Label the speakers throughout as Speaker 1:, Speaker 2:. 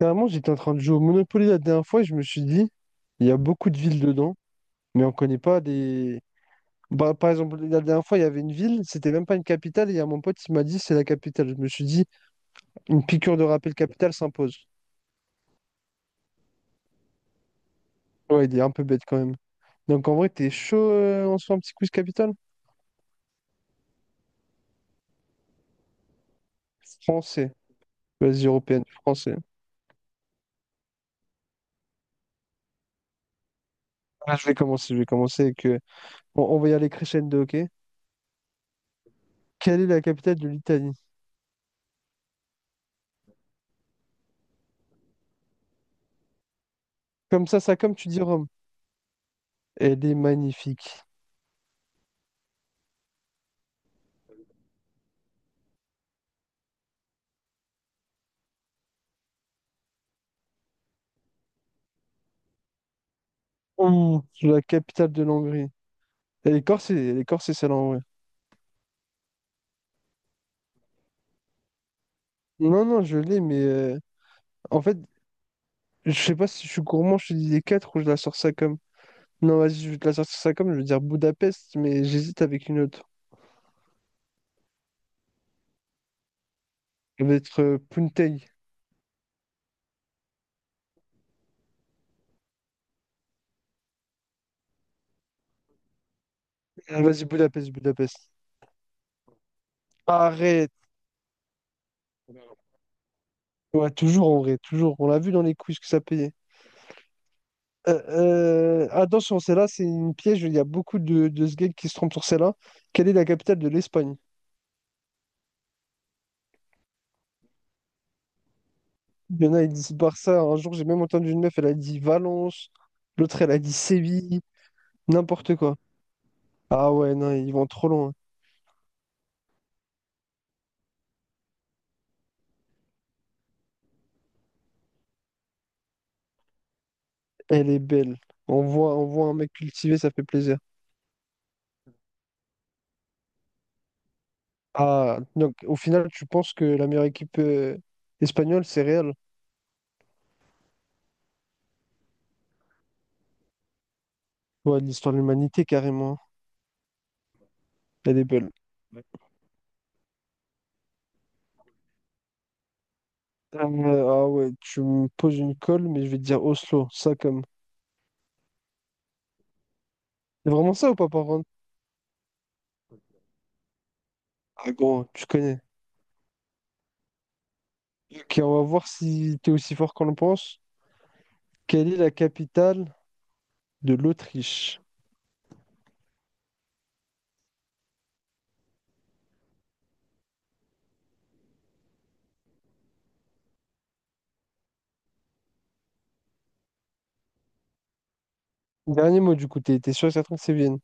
Speaker 1: Carrément, j'étais en train de jouer au Monopoly la dernière fois et je me suis dit, il y a beaucoup de villes dedans, mais on connaît pas des... Bah, par exemple, la dernière fois, il y avait une ville, c'était même pas une capitale, et il y a mon pote qui m'a dit, c'est la capitale. Je me suis dit, une piqûre de rappel capitale s'impose. Ouais, il est un peu bête quand même. Donc en vrai, t'es chaud, on se fait un petit quiz capitale? Français. Vas-y, européenne, français. Ah, je vais commencer avec... on va y aller crescendo, ok? Quelle est la capitale de l'Italie? Comme ça, comme tu dis Rome. Elle est magnifique. Ouh, la capitale de l'Hongrie. Les Corses, c'est celle-là, ouais. Non, non, je l'ai, mais en fait, je sais pas si je suis gourmand, je te dis les quatre ou je la sors ça comme. Non, vas-y, je vais te la sortir ça comme, je veux dire Budapest, mais j'hésite avec une autre. Ça va être Puntei. Ah, vas-y, Budapest, Budapest. Arrête! Ouais, toujours en vrai, toujours. On l'a vu dans les quiz que ça payait. Attention, celle-là, c'est une piège. Il y a beaucoup de ce gars qui se trompent sur celle-là. Quelle est la capitale de l'Espagne? Il y en a, ils disent Barça. Un jour, j'ai même entendu une meuf, elle a dit Valence. L'autre, elle a dit Séville. N'importe quoi. Ah ouais, non, ils vont trop loin. Elle est belle. On voit un mec cultivé, ça fait plaisir. Ah, donc au final, tu penses que la meilleure équipe espagnole, c'est Real? Ouais, l'histoire de l'humanité, carrément. Elle est belle. Euh, ah ouais, tu me poses une colle, mais je vais te dire Oslo, ça comme. C'est vraiment ça ou pas, par contre? Ah gros, tu connais. Ok, on va voir si t'es aussi fort qu'on le pense. Quelle est la capitale de l'Autriche? Dernier mot du coup, t'es sûr et certain que c'est Vienne.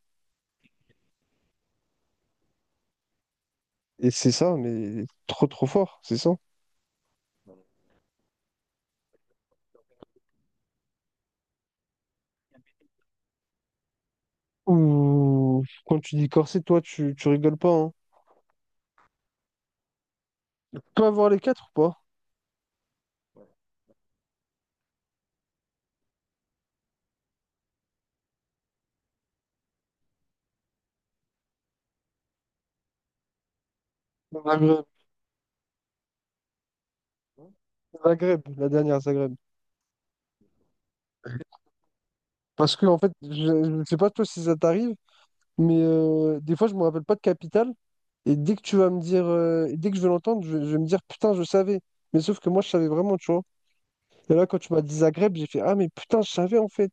Speaker 1: Et c'est ça, mais trop trop fort, c'est ça. Ouh, quand tu dis corset, toi, tu rigoles pas, hein. Tu peux avoir les quatre ou pas? Zagreb, Zagreb, la dernière Zagreb. Parce que, en fait, je ne sais pas toi si ça t'arrive, mais des fois, je me rappelle pas de capitale. Et dès que tu vas me dire, dès que je vais l'entendre, je vais me dire, putain, je savais. Mais sauf que moi, je savais vraiment, tu vois. Et là, quand tu m'as dit Zagreb, j'ai fait, ah, mais putain, je savais, en fait.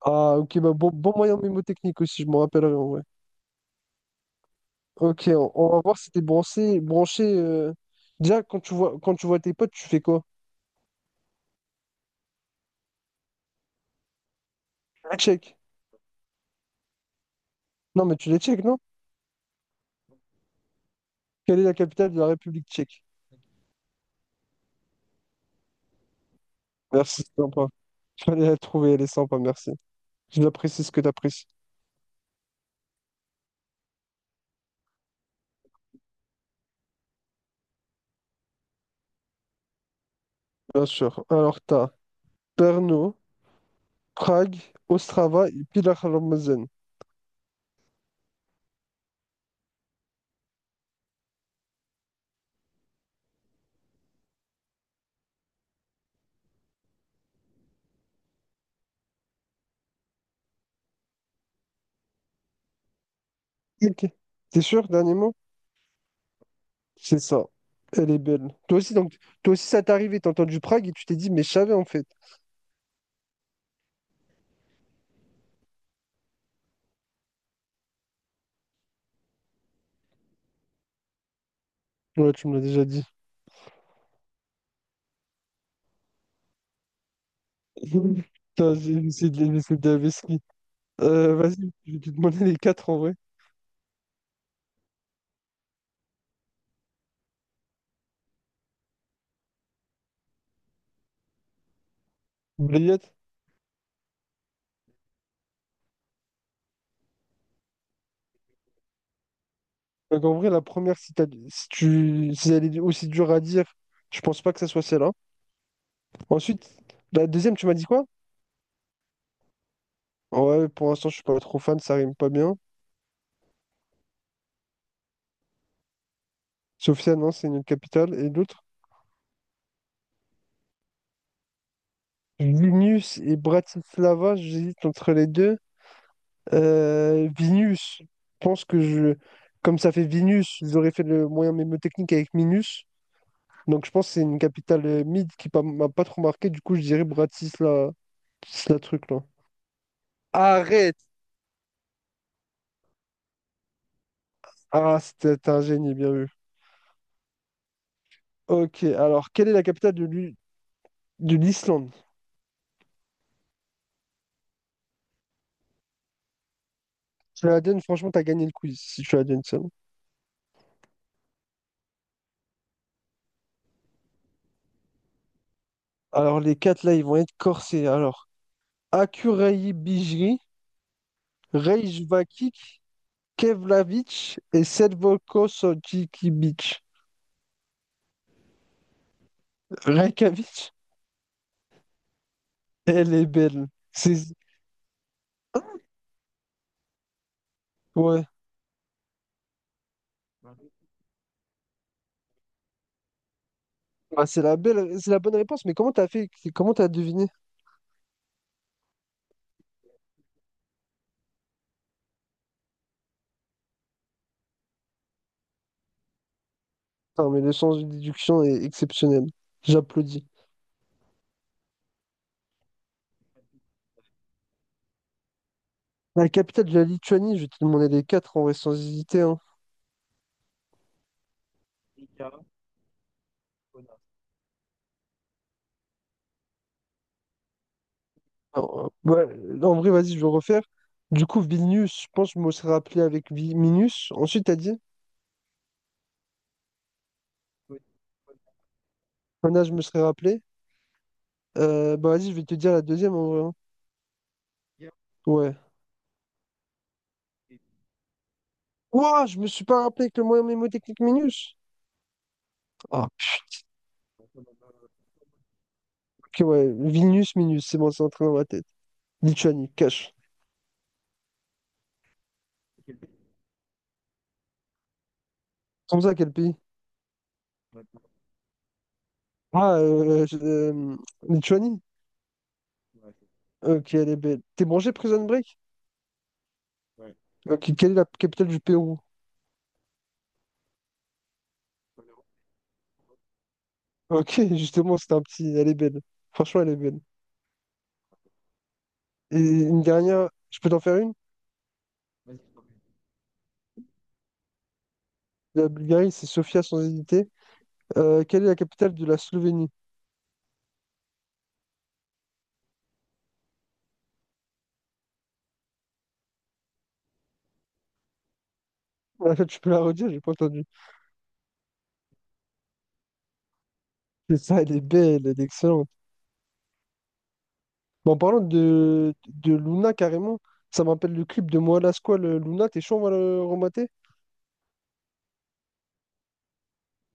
Speaker 1: Ah, ok, bah, bon moyen mnémotechnique aussi, je m'en rappellerai, en vrai. Ok, on va voir si t'es branché, branché. Déjà, quand tu vois tes potes, tu fais quoi? La Tchèque. Non, mais tu les Tchèques, non? Quelle est la capitale de la République tchèque? Merci, c'est sympa. Fallait la trouver, elle est sympa, merci. J'apprécie ce que tu apprécies. Bien sûr. Alors, t'as Brno, Prague, Ostrava et Pillarmazen. Ok. T'es sûr, dernier mot? C'est ça. Elle est belle. Toi aussi, donc, toi aussi, ça t'est arrivé. T'as entendu Prague et tu t'es dit, mais je savais en fait. Ouais, tu me l'as déjà dit. Putain, j'ai essayé de les laisser de la vesquille. Vas-y, je vais te demander les quatre en vrai. Bliette, donc en vrai, la première, si, si tu, si elle est aussi dure à dire, je pense pas que ça soit celle-là. Ensuite, la deuxième, tu m'as dit quoi? Ouais, pour l'instant, je suis pas trop fan, ça rime pas bien. Sofia, non, c'est une autre capitale. Et l'autre, Vilnius et Bratislava, j'hésite entre les deux. Vilnius, je pense que je, comme ça fait Vilnius, j'aurais fait le moyen mnémotechnique avec Minus. Donc je pense que c'est une capitale mid qui pas- m'a pas trop marqué. Du coup, je dirais Bratislava, ce truc là. Arrête! Ah, c'était un génie, bien vu. Ok, alors, quelle est la capitale de l'Islande? Tu la donnes, franchement, t'as gagné le quiz, si tu la donnes ça. Alors, les quatre, là, ils vont être corsés. Alors, Akureyri, Reykjavik, Keflavik et Selvokosotikivik. Reykjavik, elle est belle. C'est... Ouais. Ah, c'est la belle, c'est la bonne réponse, mais comment t'as fait, comment t'as deviné? Non, mais le sens de déduction est exceptionnel. J'applaudis. La capitale de la Lituanie, je vais te demander les quatre en vrai sans hésiter, hein. Alors, ouais, là, en vrai, vas-y, je vais refaire. Du coup, Vilnius, je pense que je me serais rappelé avec Minus. Ensuite, t'as dit, Anna, je me serais rappelé. Bah vas-y, je vais te dire la deuxième en vrai, hein. Ouais. Ouah, je me suis pas rappelé avec le moyen mnémotechnique Minus. Ah, ok, ouais. Vilnius, Minus, c'est bon, c'est entré dans ma tête. Lituanie, cash. Comme ça, quel pays? Ah, Lituanie? Ok, elle est belle. T'es branché Prison Break? Ok, quelle est la capitale du Pérou? Ok, justement, c'était un petit. Elle est belle. Franchement, elle est belle. Et une dernière, je peux t'en faire une? La Bulgarie, c'est Sofia sans hésiter. Quelle est la capitale de la Slovénie? En fait, tu peux la redire, j'ai pas entendu. C'est ça, elle est belle, elle est excellente. Bon, en parlant de Luna, carrément, ça me rappelle le clip de Moi Lasquale, Luna, t'es chaud, on va le remater?